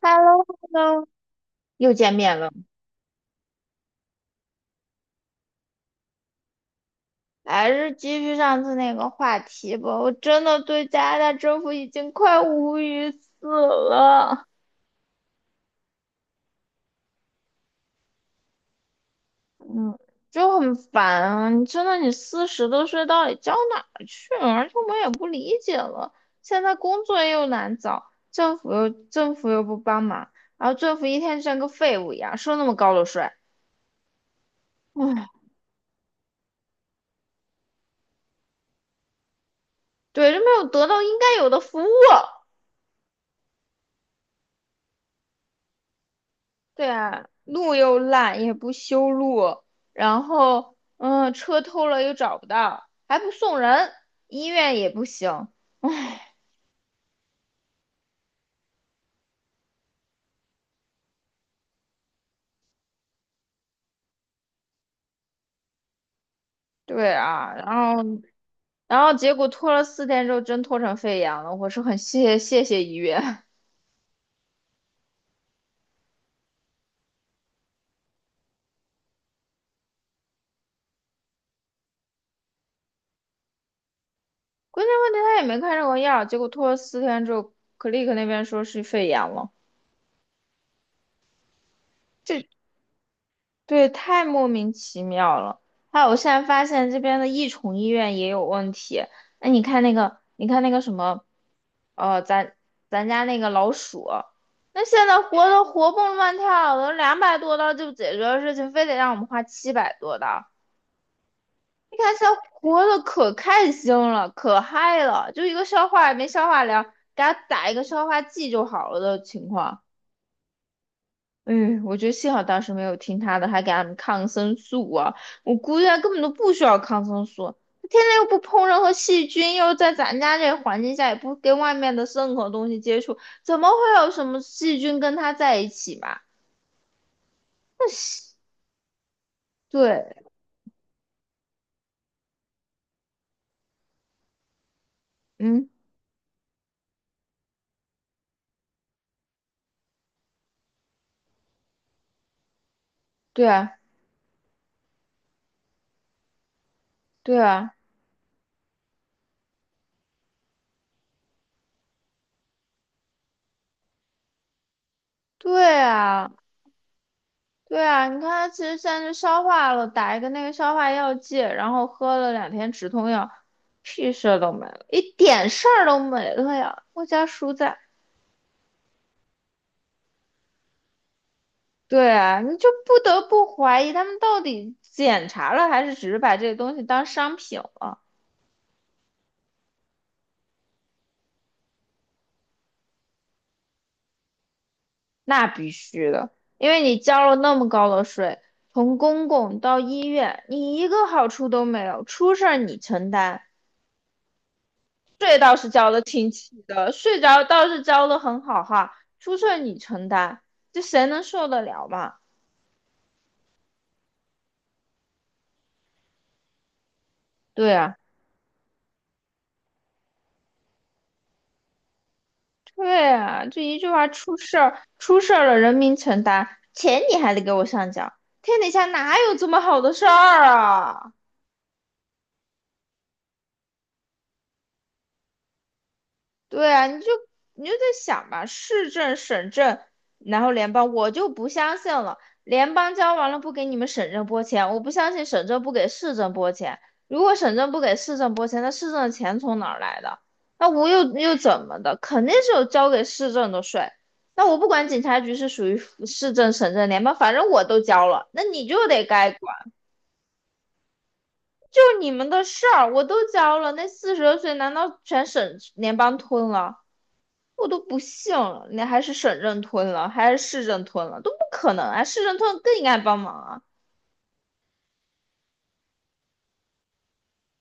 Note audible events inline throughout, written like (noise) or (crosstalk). h e l l o h e l l o 又见面了。还是继续上次那个话题吧。我真的对加拿大政府已经快无语死了，就很烦啊！你真的，你40多岁到底交哪儿去了？而且我也不理解了，现在工作又难找，政府又不帮忙，然后政府一天就像个废物一样，收那么高的税。唉，对，就没有得到应该有的服务。对啊，路又烂，也不修路，然后车偷了又找不到，还不送人，医院也不行。对啊，后然后结果拖了四天之后，真拖成肺炎了。我是很谢谢谢医院。(laughs) 关键问题他也没开任何药，结果拖了四天之后，Click 那边说是肺炎了。这对，太莫名其妙了。还有，我现在发现这边的益宠医院也有问题。哎，你看那个，你看那个什么。哦，咱家那个老鼠，那现在活的活蹦乱跳的，200多刀就解决的事情，非得让我们花700多刀。你看现在活的可开心了，可嗨了，就一个消化也没消化了，给它打一个消化剂就好了的情况。嗯，我觉得幸好当时没有听他的，还给他们抗生素啊！我估计他根本都不需要抗生素，他天天又不碰任何细菌，又在咱家这个环境下也不跟外面的任何东西接触，怎么会有什么细菌跟他在一起嘛？那是对，嗯，对啊，对啊，对啊，对啊！你看他其实现在就消化了，打一个那个消化药剂，然后喝了2天止痛药，屁事儿都没了，一点事儿都没了呀！我家叔在。对啊，你就不得不怀疑他们到底检查了，还是只是把这个东西当商品了？那必须的，因为你交了那么高的税，从公共到医院，你一个好处都没有，出事儿你承担，税倒是交的挺齐的，税着倒是交的很好哈，出事儿你承担，这谁能受得了嘛？对啊。对啊，就一句话出事儿，出事儿了人民承担，钱你还得给我上缴，天底下哪有这么好的事儿啊？对啊，你就在想吧，市政、省政，然后联邦，我就不相信了。联邦交完了不给你们省政拨钱，我不相信省政不给市政拨钱。如果省政不给市政拨钱，那市政的钱从哪儿来的？那我又怎么的？肯定是有交给市政的税。那我不管警察局是属于市政、省政、联邦，反正我都交了，那你就得该管，就你们的事儿，我都交了。那42岁难道全省联邦吞了？我都不信了，你还是省政吞了，还是市政吞了，都不可能啊！市政吞更应该帮忙啊。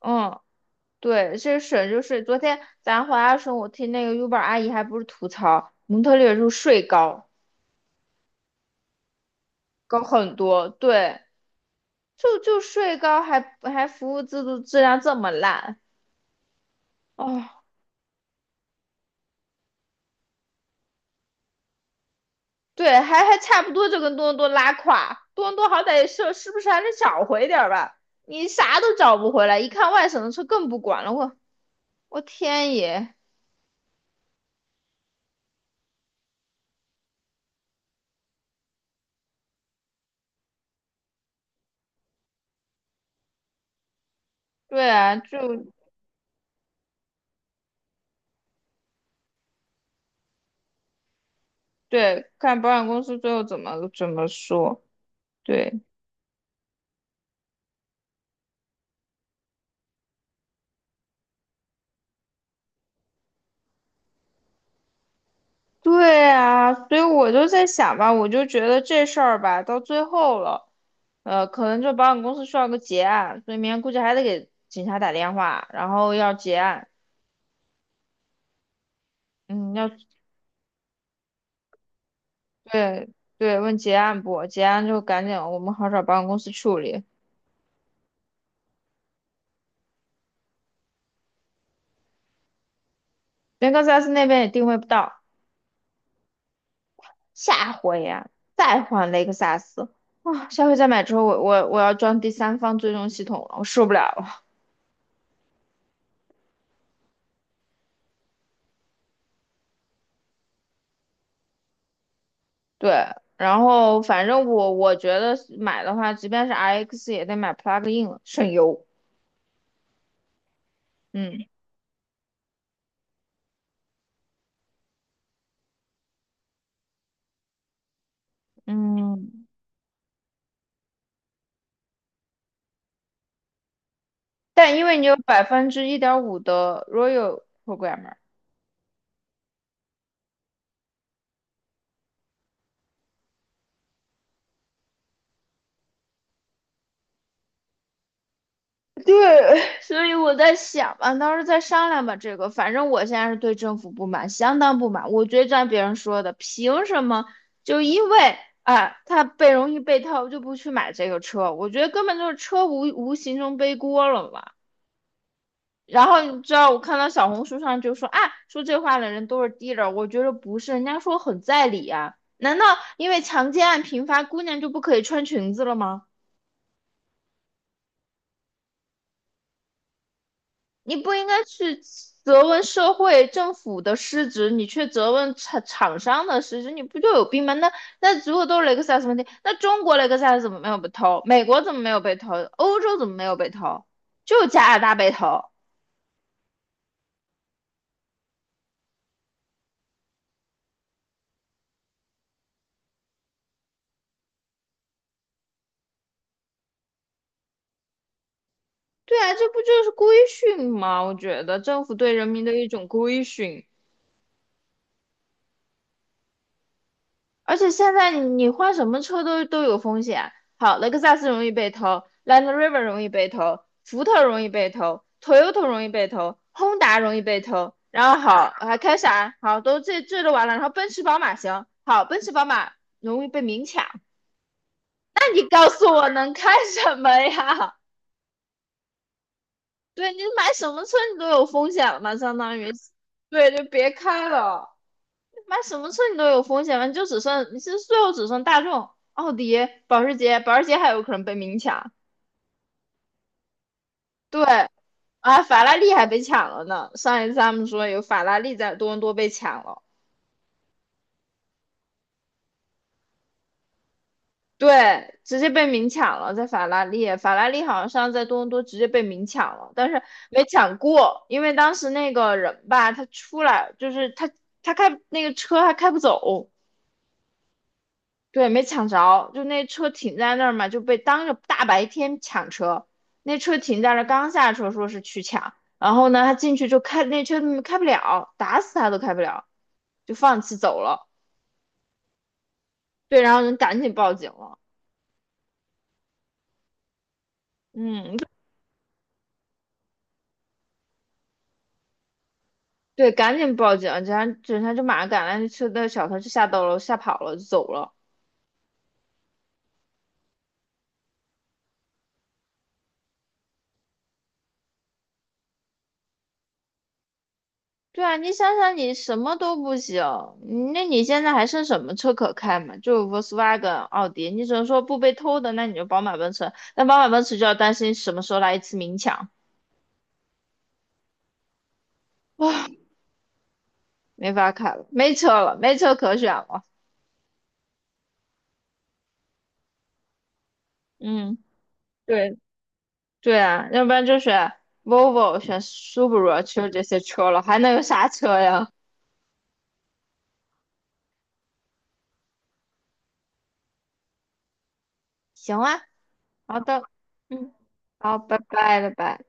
嗯，对，这个省就是昨天咱回来的时候，我听那个 Uber 阿姨还不是吐槽蒙特利尔就是税高，高很多。对，就税高，还服务制度质量这么烂。哦，对，还差不多就跟多伦多拉胯，多伦多好歹也是，是不是还能找回点儿吧？你啥都找不回来，一看外省的车更不管了，我天爷！对啊，就对，看保险公司最后怎么说。对，对啊，所以我就在想吧，我就觉得这事儿吧，到最后了，可能就保险公司需要个结案，所以明天估计还得给警察打电话，然后要结案。嗯，要对对，问结案不？结案就赶紧我们好找保险公司处理，连克萨斯那边也定位不到。下回呀、再换雷克萨斯啊！下回再买之后，我要装第三方追踪系统了，我受不了了。对，然后反正我觉得买的话，即便是 RX 也得买 plug in 了，省油。嗯嗯，但因为你有1.5%的 Royal Program。m e r (laughs) 对，所以我在想吧，到时候再商量吧。这个，反正我现在是对政府不满，相当不满。我觉得就像别人说的，凭什么就因为啊，他被容易被套，就不去买这个车？我觉得根本就是车无形中背锅了嘛。然后你知道，我看到小红书上就说啊，说这话的人都是 dealer，我觉得不是，人家说很在理啊。难道因为强奸案频发，姑娘就不可以穿裙子了吗？你不应该去责问社会政府的失职，你却责问厂商的失职，你不就有病吗？那如果都是雷克萨斯问题，那中国雷克萨斯怎么没有被偷？美国怎么没有被偷？欧洲怎么没有被偷？就加拿大被偷。对啊，这不就是规训吗？我觉得政府对人民的一种规训。而且现在你换什么车都有风险。好，雷克萨斯容易被偷，Land Rover 容易被偷，福特容易被偷，Toyota 容易被偷，Honda 容易被偷。然后好，还开啥？好，都这都完了。然后奔驰、宝马行，好，奔驰、宝马容易被明抢。那你告诉我能开什么呀？对，你买什么车你都有风险了嘛，相当于，对，就别开了。买什么车你都有风险吗？就只剩你是最后只剩大众、奥迪、保时捷，保时捷还有可能被明抢。对啊，法拉利还被抢了呢。上一次他们说有法拉利在多伦多被抢了，对，直接被明抢了，在法拉利，法拉利好像上次在多伦多直接被明抢了，但是没抢过，因为当时那个人吧，他出来就是他开那个车还开不走，对，没抢着，就那车停在那儿嘛，就被当着大白天抢车。那车停在那儿，刚下车说是去抢，然后呢，他进去就开那车开不了，打死他都开不了，就放弃走了。对，然后人赶紧报警了。嗯，对，赶紧报警，警察就马上赶来，那车的小偷就下到了，吓跑了，就走了。对啊，你想想，你什么都不行，那你现在还剩什么车可开嘛？就 Volkswagen、奥迪，你只能说不被偷的，那你就宝马、奔驰。那宝马、奔驰就要担心什么时候来一次明抢，哇，没法开了，没车了，没车可选了。嗯，对对啊，要不然就选 Volvo、选 Subaru，只有这些车了，还能有啥车呀？行啊，好的，嗯，好，拜拜，拜拜。